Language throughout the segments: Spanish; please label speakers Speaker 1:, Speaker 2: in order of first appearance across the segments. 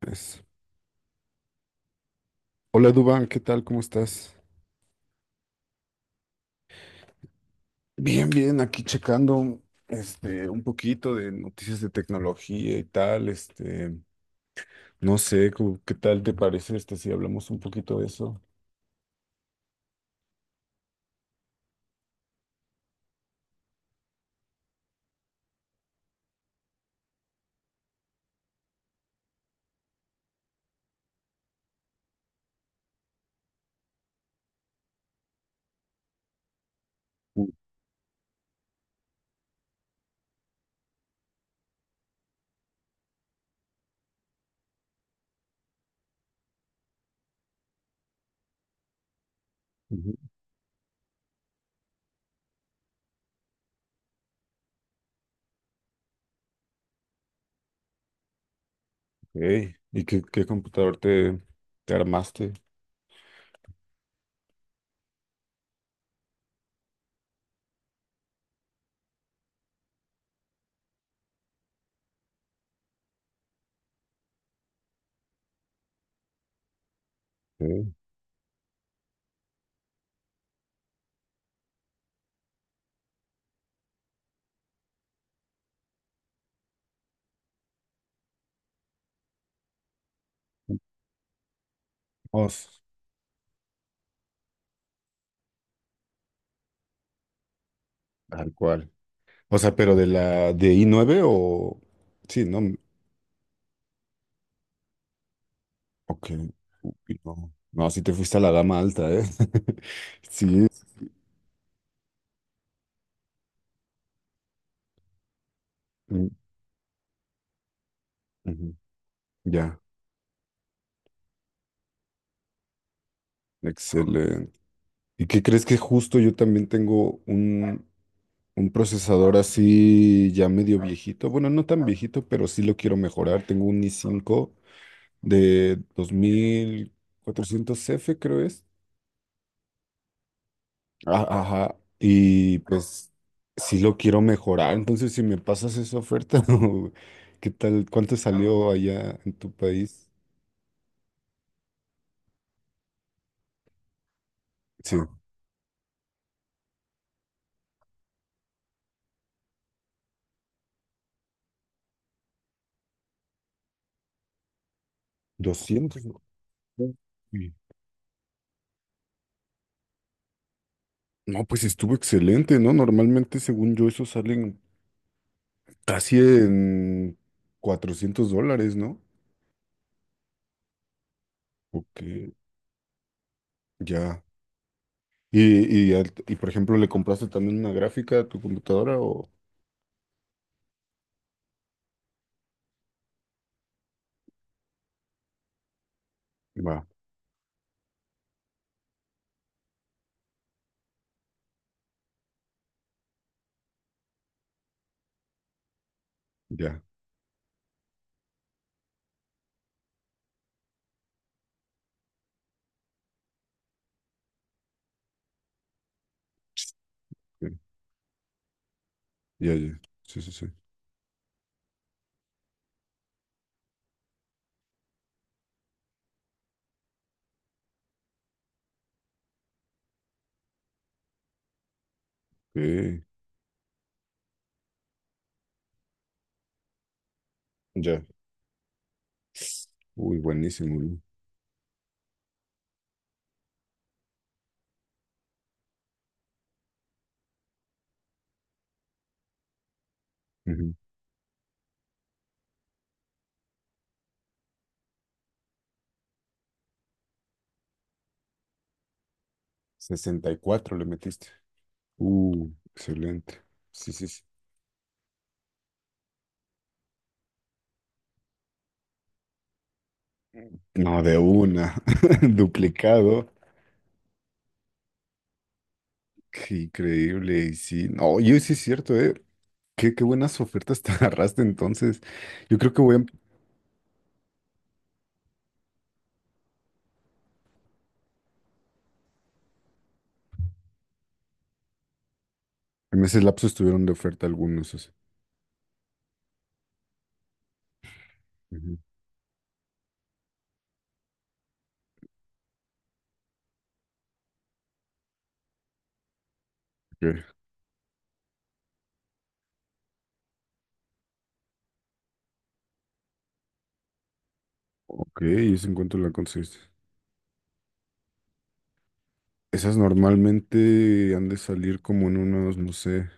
Speaker 1: Pues, Hola Duban, ¿qué tal? ¿Cómo estás? Bien, bien, aquí checando un poquito de noticias de tecnología y tal, no sé, como, ¿qué tal te parece si hablamos un poquito de eso? Mm, ujú. Ey, ¿Y qué computador te armaste? Sí. Oh, s- Tal cual. O sea, pero de la de i nueve o sí, no, ok. Uy, no, no, sí te fuiste a la gama alta, ¿eh? Sí. Mm, ujú. Ya, excelente. ¿Y qué crees que justo yo también tengo un procesador así ya medio viejito? Bueno, no tan viejito, pero sí lo quiero mejorar. Tengo un i cinco de dos mil cuatrocientos f creo es. Ah, ajá. Y pues sí lo quiero mejorar. Entonces, si me pasas esa oferta, o ¿qué tal? ¿Cuánto salió allá en tu país? Sí, doscientos, ¿no? Sí. No, pues estuvo excelente, ¿no? Normalmente, según yo, eso salen casi en 400 dólares, ¿no? Porque ya. Y, y, por ejemplo, ¿le compraste también una gráfica a tu computadora o...? Va, ya. Sí, ya, ya. Sí, sí, sí. Sí, ya. Uy, buenísimo, güey. Ujú. Sesenta y cuatro le metiste. Uh, excelente. Sí, sí, sí. No, de una. Duplicado. Qué increíble. Y sí, no, yo sí, es cierto, ¿eh? Qué, qué buenas ofertas te agarraste entonces. Yo creo que voy a en ese lapso estuvieron de oferta algunos, así. Ujú. Ok, ok, ¿y ese encuentro la conseguiste? Esas normalmente han de salir como en unos, no sé.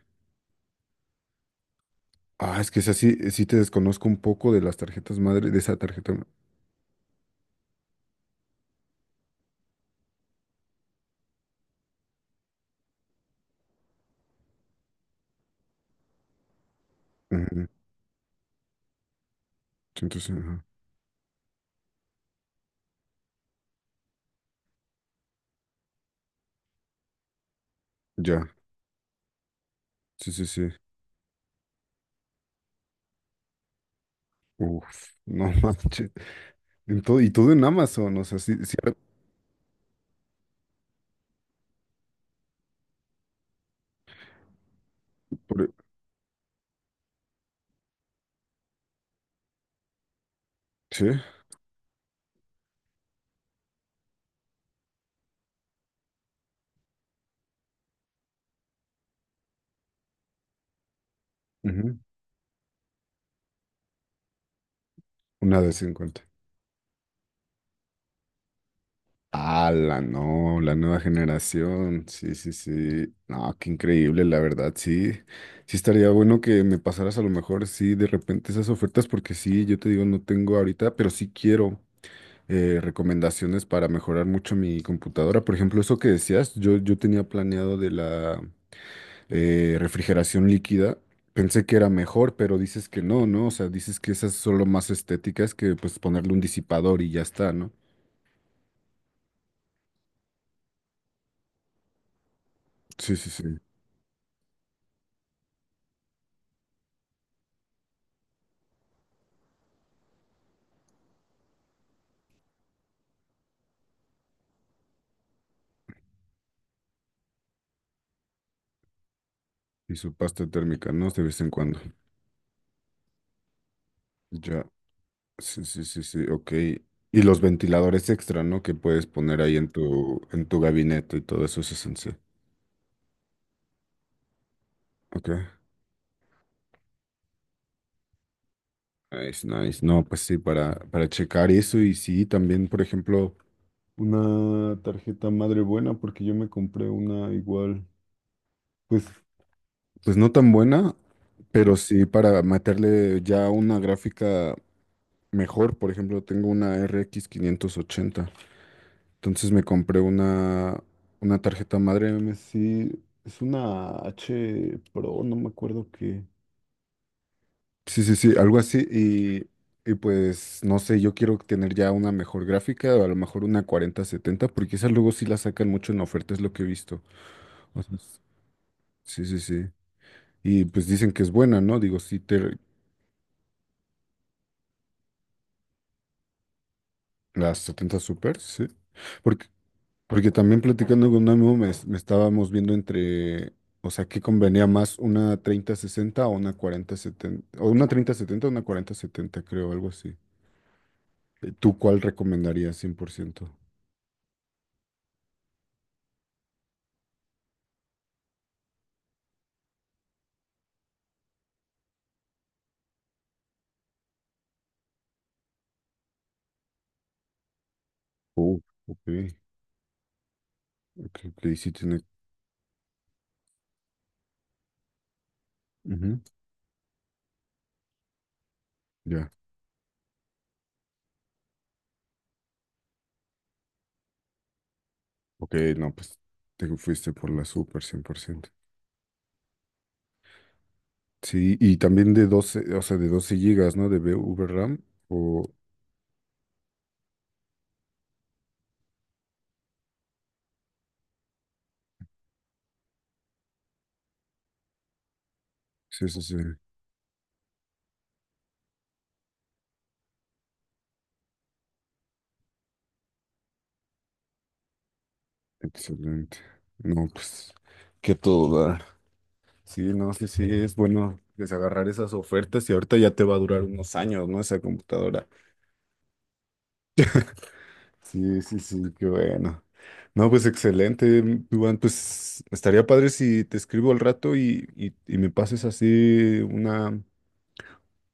Speaker 1: Ah, es que esa sí, sí te desconozco un poco de las tarjetas madre, de esa tarjeta, ¿no? Ujú, entonces, ajá, ya, sí, sí, sí. Uf, no manches. Y todo en Amazon, o sea, sí, sí, era por- e, sí, ujú, una de 50. Ah, la no, la nueva generación. Sí, sí, sí. No, qué increíble, la verdad, sí. Sí estaría bueno que me pasaras a lo mejor, sí, de repente esas ofertas, porque sí, yo te digo, no tengo ahorita, pero sí quiero recomendaciones para mejorar mucho mi computadora. Por ejemplo, eso que decías, yo tenía planeado de la refrigeración líquida. Pensé que era mejor, pero dices que no, ¿no? O sea, dices que esas son solo más estéticas que pues ponerle un disipador y ya está, ¿no? Sí, sí, sí. Y su pasta térmica, ¿no? De vez en cuando. Ya. Sí, sí, sí, sí, ok. Y los ventiladores extra, ¿no? Que puedes poner ahí en en tu gabinete y todo eso es esencial. Ok. Nice, nice. No, pues sí, para checar eso y sí, también, por ejemplo, una tarjeta madre buena, porque yo me compré una igual, pues. Pues no tan buena, pero sí para meterle ya una gráfica mejor. Por ejemplo, tengo una RX ochenta. Entonces me compré una tarjeta madre MSI. Es una H Pro, no me acuerdo qué. Sí, sí, sí, algo así. Y pues no sé, yo quiero tener ya una mejor gráfica, o a lo mejor una cuarenta setenta porque esas luego sí las sacan mucho en oferta, es lo que he visto. O sea, s- sí, sí, sí. Y pues dicen que es buena, ¿no? Digo, sí, te, las 70 Super, sí. Porque, porque también platicando con un amigo me, me estábamos viendo entre, o sea, ¿qué convenía más? ¿Una treinta sesenta o una 4070? O una 3070 o una cuarenta setenta creo, algo así. ¿Tú cuál recomendarías 100%? Uh, Ok, ok, ok, sí tiene... Ujú, ya, ok, no, pues te fuiste por la Super 100%. Sí, y también de 12, o sea, de 12 gigas, ¿no? De VRAM, o... Sí, sí, sí, excelente. No, pues, que todo da. Sí, no, sí, sí, es bueno desagarrar esas ofertas y ahorita ya te va a durar unos años, ¿no? Esa computadora. Sí, sí, sí, qué bueno. No, pues excelente, mm, Iván. Pues estaría padre si te escribo al rato y me pases así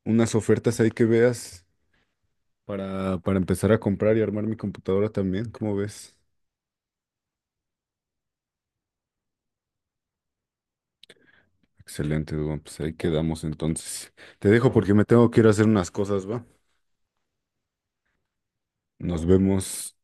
Speaker 1: unas ofertas ahí que veas para empezar a comprar y armar mi computadora también. ¿Cómo ves? Excelente, Iván. Pues ahí quedamos entonces. Te dejo porque me tengo que ir a hacer unas cosas, ¿va? Nos vemos.